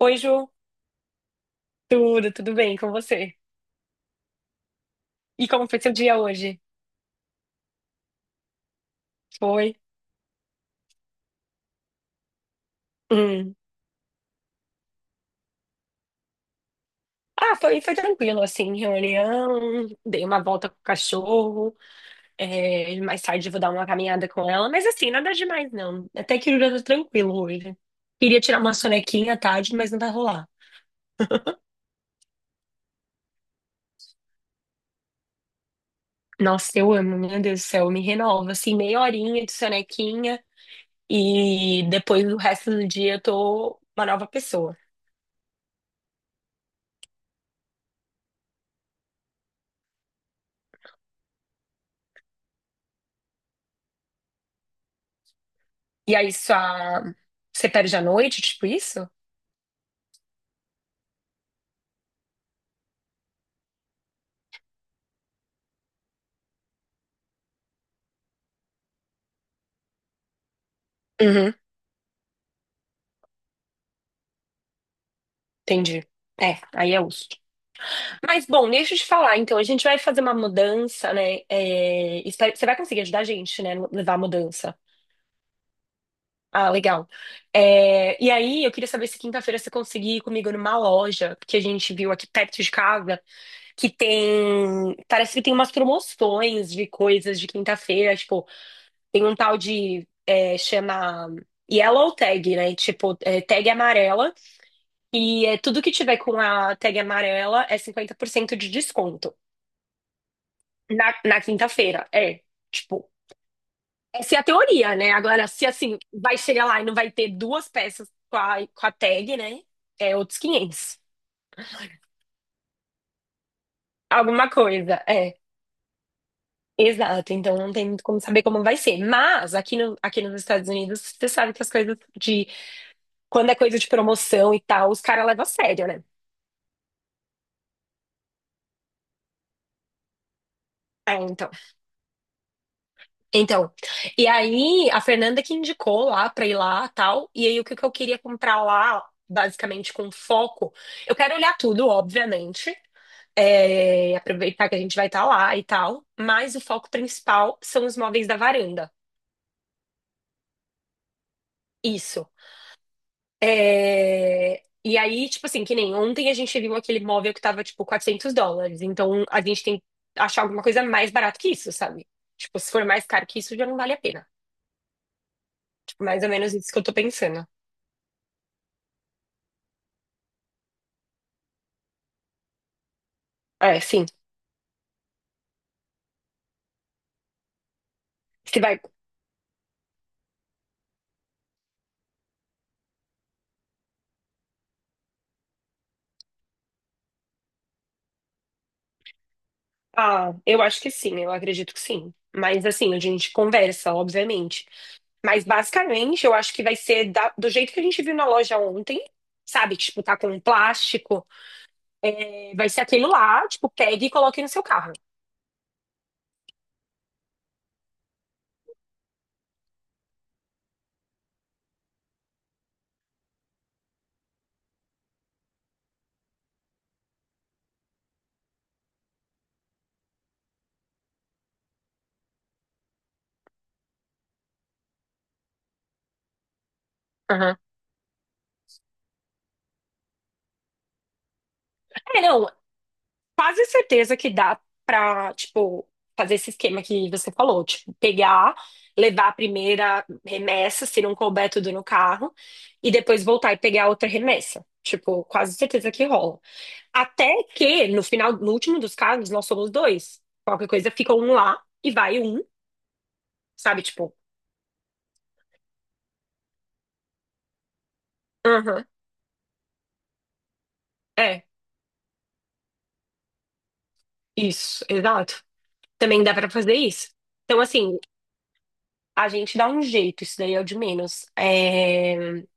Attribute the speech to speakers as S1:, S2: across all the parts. S1: Oi, Ju. Tudo, bem com você? E como foi seu dia hoje? Foi? Hum. Ah, foi tranquilo, assim, reunião, dei uma volta com o cachorro, mais tarde eu vou dar uma caminhada com ela, mas assim, nada demais, não. Até que o dia tá tranquilo hoje. Queria tirar uma sonequinha à tarde, mas não vai rolar. Nossa, eu amo, meu Deus do céu, me renova, assim, meia horinha de sonequinha e depois o resto do dia eu tô uma nova pessoa. E aí, só... você perde a noite, tipo isso? Uhum, entendi. É, aí é uso. Mas, bom, deixa eu te falar. Então, a gente vai fazer uma mudança, né? Espero- você vai conseguir ajudar a gente, né? Levar a mudança. Ah, legal. É, e aí, eu queria saber se quinta-feira você conseguir ir comigo numa loja que a gente viu aqui perto de casa, que tem. Parece que tem umas promoções de coisas de quinta-feira. Tipo, tem um tal de. Chama Yellow Tag, né? Tipo, é, tag amarela. E é, tudo que tiver com a tag amarela é 50% de desconto. Na quinta-feira, é. Tipo, essa é a teoria, né? Agora, se assim, vai chegar lá e não vai ter duas peças com a tag, né? É outros 500 Alguma coisa, é. Exato, então não tem muito como saber como vai ser. Mas aqui, no, aqui nos Estados Unidos, você sabe que as coisas de. Quando é coisa de promoção e tal, os caras levam a sério, né? É, então. Então, e aí a Fernanda que indicou lá pra ir lá, tal, e aí o que que eu queria comprar lá, basicamente com foco, eu quero olhar tudo, obviamente, aproveitar que a gente vai estar lá e tal, mas o foco principal são os móveis da varanda. Isso. E aí, tipo assim, que nem ontem a gente viu aquele móvel que tava tipo US$ 400, então a gente tem que achar alguma coisa mais barata que isso, sabe? Tipo, se for mais caro que isso, já não vale a pena. Tipo, mais ou menos isso que eu tô pensando. É, sim. Se vai. Ah, eu acho que sim, eu acredito que sim. Mas assim, a gente conversa, obviamente. Mas basicamente, eu acho que vai ser da- do jeito que a gente viu na loja ontem, sabe? Tipo, tá com um plástico. Vai ser aquilo lá, tipo, pegue e coloque no seu carro. Aham. É, não, quase certeza que dá pra, tipo, fazer esse esquema que você falou, tipo, pegar, levar a primeira remessa, se não couber tudo no carro, e depois voltar e pegar outra remessa. Tipo, quase certeza que rola. Até que no final, no último dos casos, nós somos dois. Qualquer coisa fica um lá e vai um, sabe? Tipo, aham, é, isso, exato. Também dá pra fazer isso. Então, assim, a gente dá um jeito, isso daí é o de menos. É,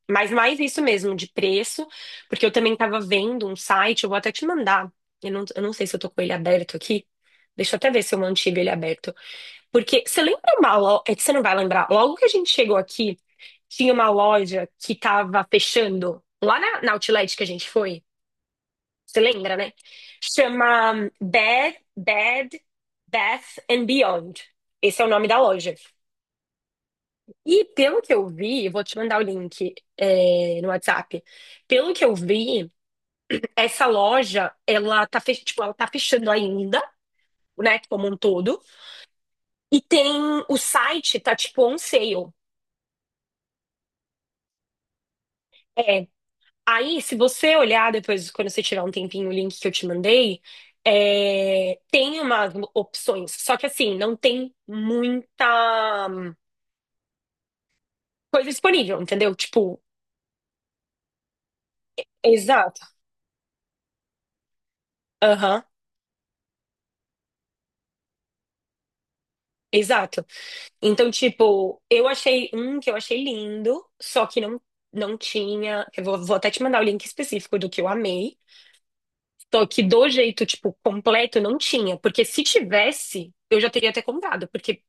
S1: mas mais isso mesmo, de preço, porque eu também estava vendo um site, eu vou até te mandar. Eu não sei se eu tô com ele aberto aqui. Deixa eu até ver se eu mantive ele aberto. Porque você lembra uma loja. É que você não vai lembrar. Logo que a gente chegou aqui, tinha uma loja que tava fechando lá na Outlet que a gente foi. Você lembra, né? Chama Bed, Bath and Beyond. Esse é o nome da loja. E pelo que eu vi, vou te mandar o link, é, no WhatsApp. Pelo que eu vi, essa loja, ela tá, fech... tipo, ela tá fechando ainda, né, como um todo. E tem o site, tá tipo on sale. É. Aí, se você olhar depois, quando você tiver um tempinho, o link que eu te mandei, é, tem umas opções. Só que assim, não tem muita coisa disponível, entendeu? Tipo, exato. Aham. Exato. Então, tipo, eu achei um que eu achei lindo, só que não, não tinha. Vou até te mandar o link específico do que eu amei. Só que do jeito, tipo, completo, não tinha. Porque se tivesse, eu já teria até comprado. Porque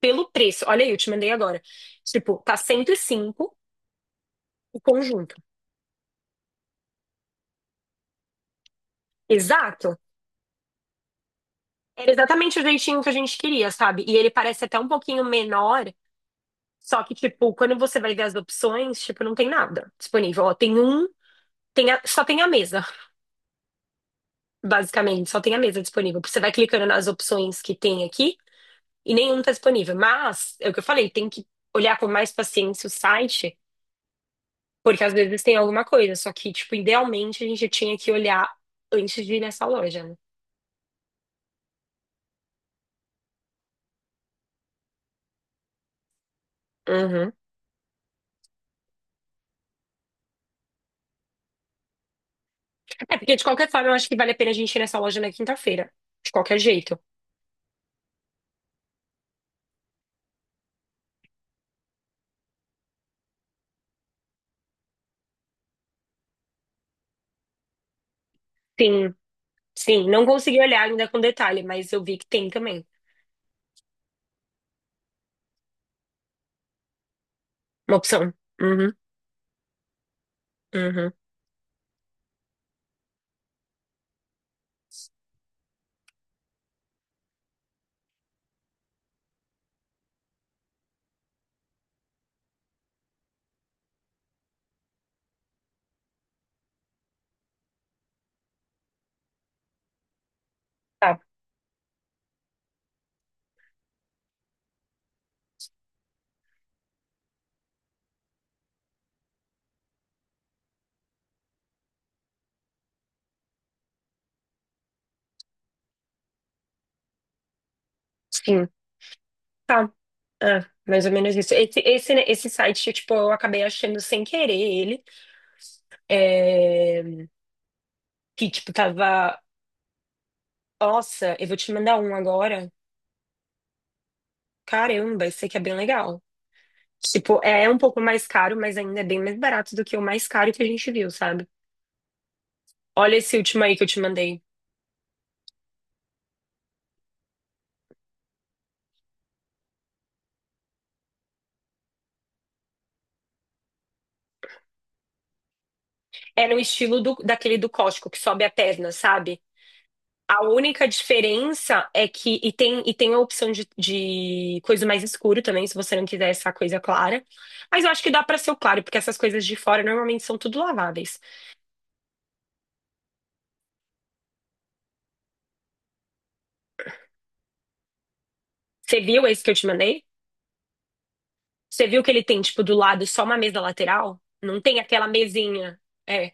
S1: pelo preço, olha aí, eu te mandei agora. Tipo, tá 105 o conjunto. Exato. Era exatamente o jeitinho que a gente queria, sabe? E ele parece até um pouquinho menor. Só que, tipo, quando você vai ver as opções, tipo, não tem nada disponível. Ó, tem um só tem a mesa, basicamente, só tem a mesa disponível. Você vai clicando nas opções que tem aqui e nenhum tá disponível. Mas, é o que eu falei, tem que olhar com mais paciência o site, porque às vezes tem alguma coisa. Só que, tipo, idealmente a gente tinha que olhar antes de ir nessa loja, né? Uhum. É, porque de qualquer forma eu acho que vale a pena a gente ir nessa loja na quinta-feira. De qualquer jeito. Sim, sim. Não consegui olhar ainda com detalhe, mas eu vi que tem também. Uma opção. Uhum, uhum. Tá. Sim. Tá. É, mais ou menos isso. Né, esse site, tipo, eu acabei achando sem querer ele. é, que, tipo, tava. Nossa, eu vou te mandar um agora. Caramba, esse aqui é bem legal. Tipo, é um pouco mais caro, mas ainda é bem mais barato do que o mais caro que a gente viu, sabe? Olha esse último aí que eu te mandei. É no estilo daquele do Costco, que sobe a perna, sabe? A única diferença é que. E tem a opção de coisa mais escuro também, se você não quiser essa coisa clara. Mas eu acho que dá pra ser o claro, porque essas coisas de fora normalmente são tudo laváveis. Você viu esse que eu te mandei? Você viu que ele tem, tipo, do lado só uma mesa lateral? Não tem aquela mesinha. É,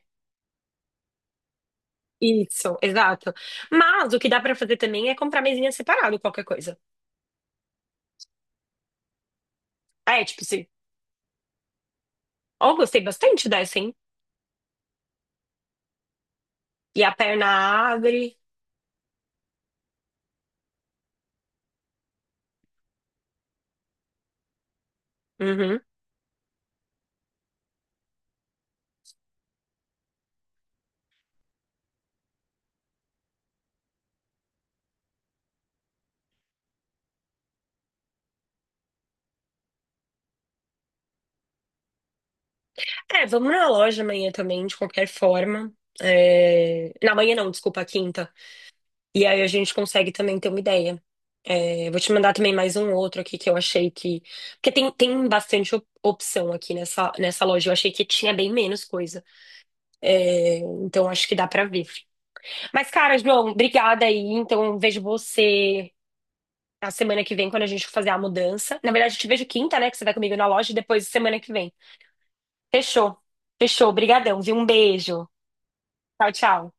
S1: isso, exato. Mas o que dá pra fazer também é comprar mesinha separada, qualquer coisa. Ah, é, tipo, se. Ó, gostei bastante dessa, hein? E a perna abre. Uhum. É, vamos na loja amanhã também, de qualquer forma. É, na manhã não, desculpa, quinta. E aí a gente consegue também ter uma ideia. É, vou te mandar também mais um outro aqui que eu achei que. Porque tem bastante opção aqui nessa loja. Eu achei que tinha bem menos coisa. É, então acho que dá pra ver. Mas, cara, João, obrigada aí. Então eu vejo você na semana que vem, quando a gente for fazer a mudança. Na verdade, eu te vejo quinta, né? Que você vai comigo na loja e depois semana que vem. Fechou. Fechou. Obrigadão, viu? Um beijo. Tchau, tchau.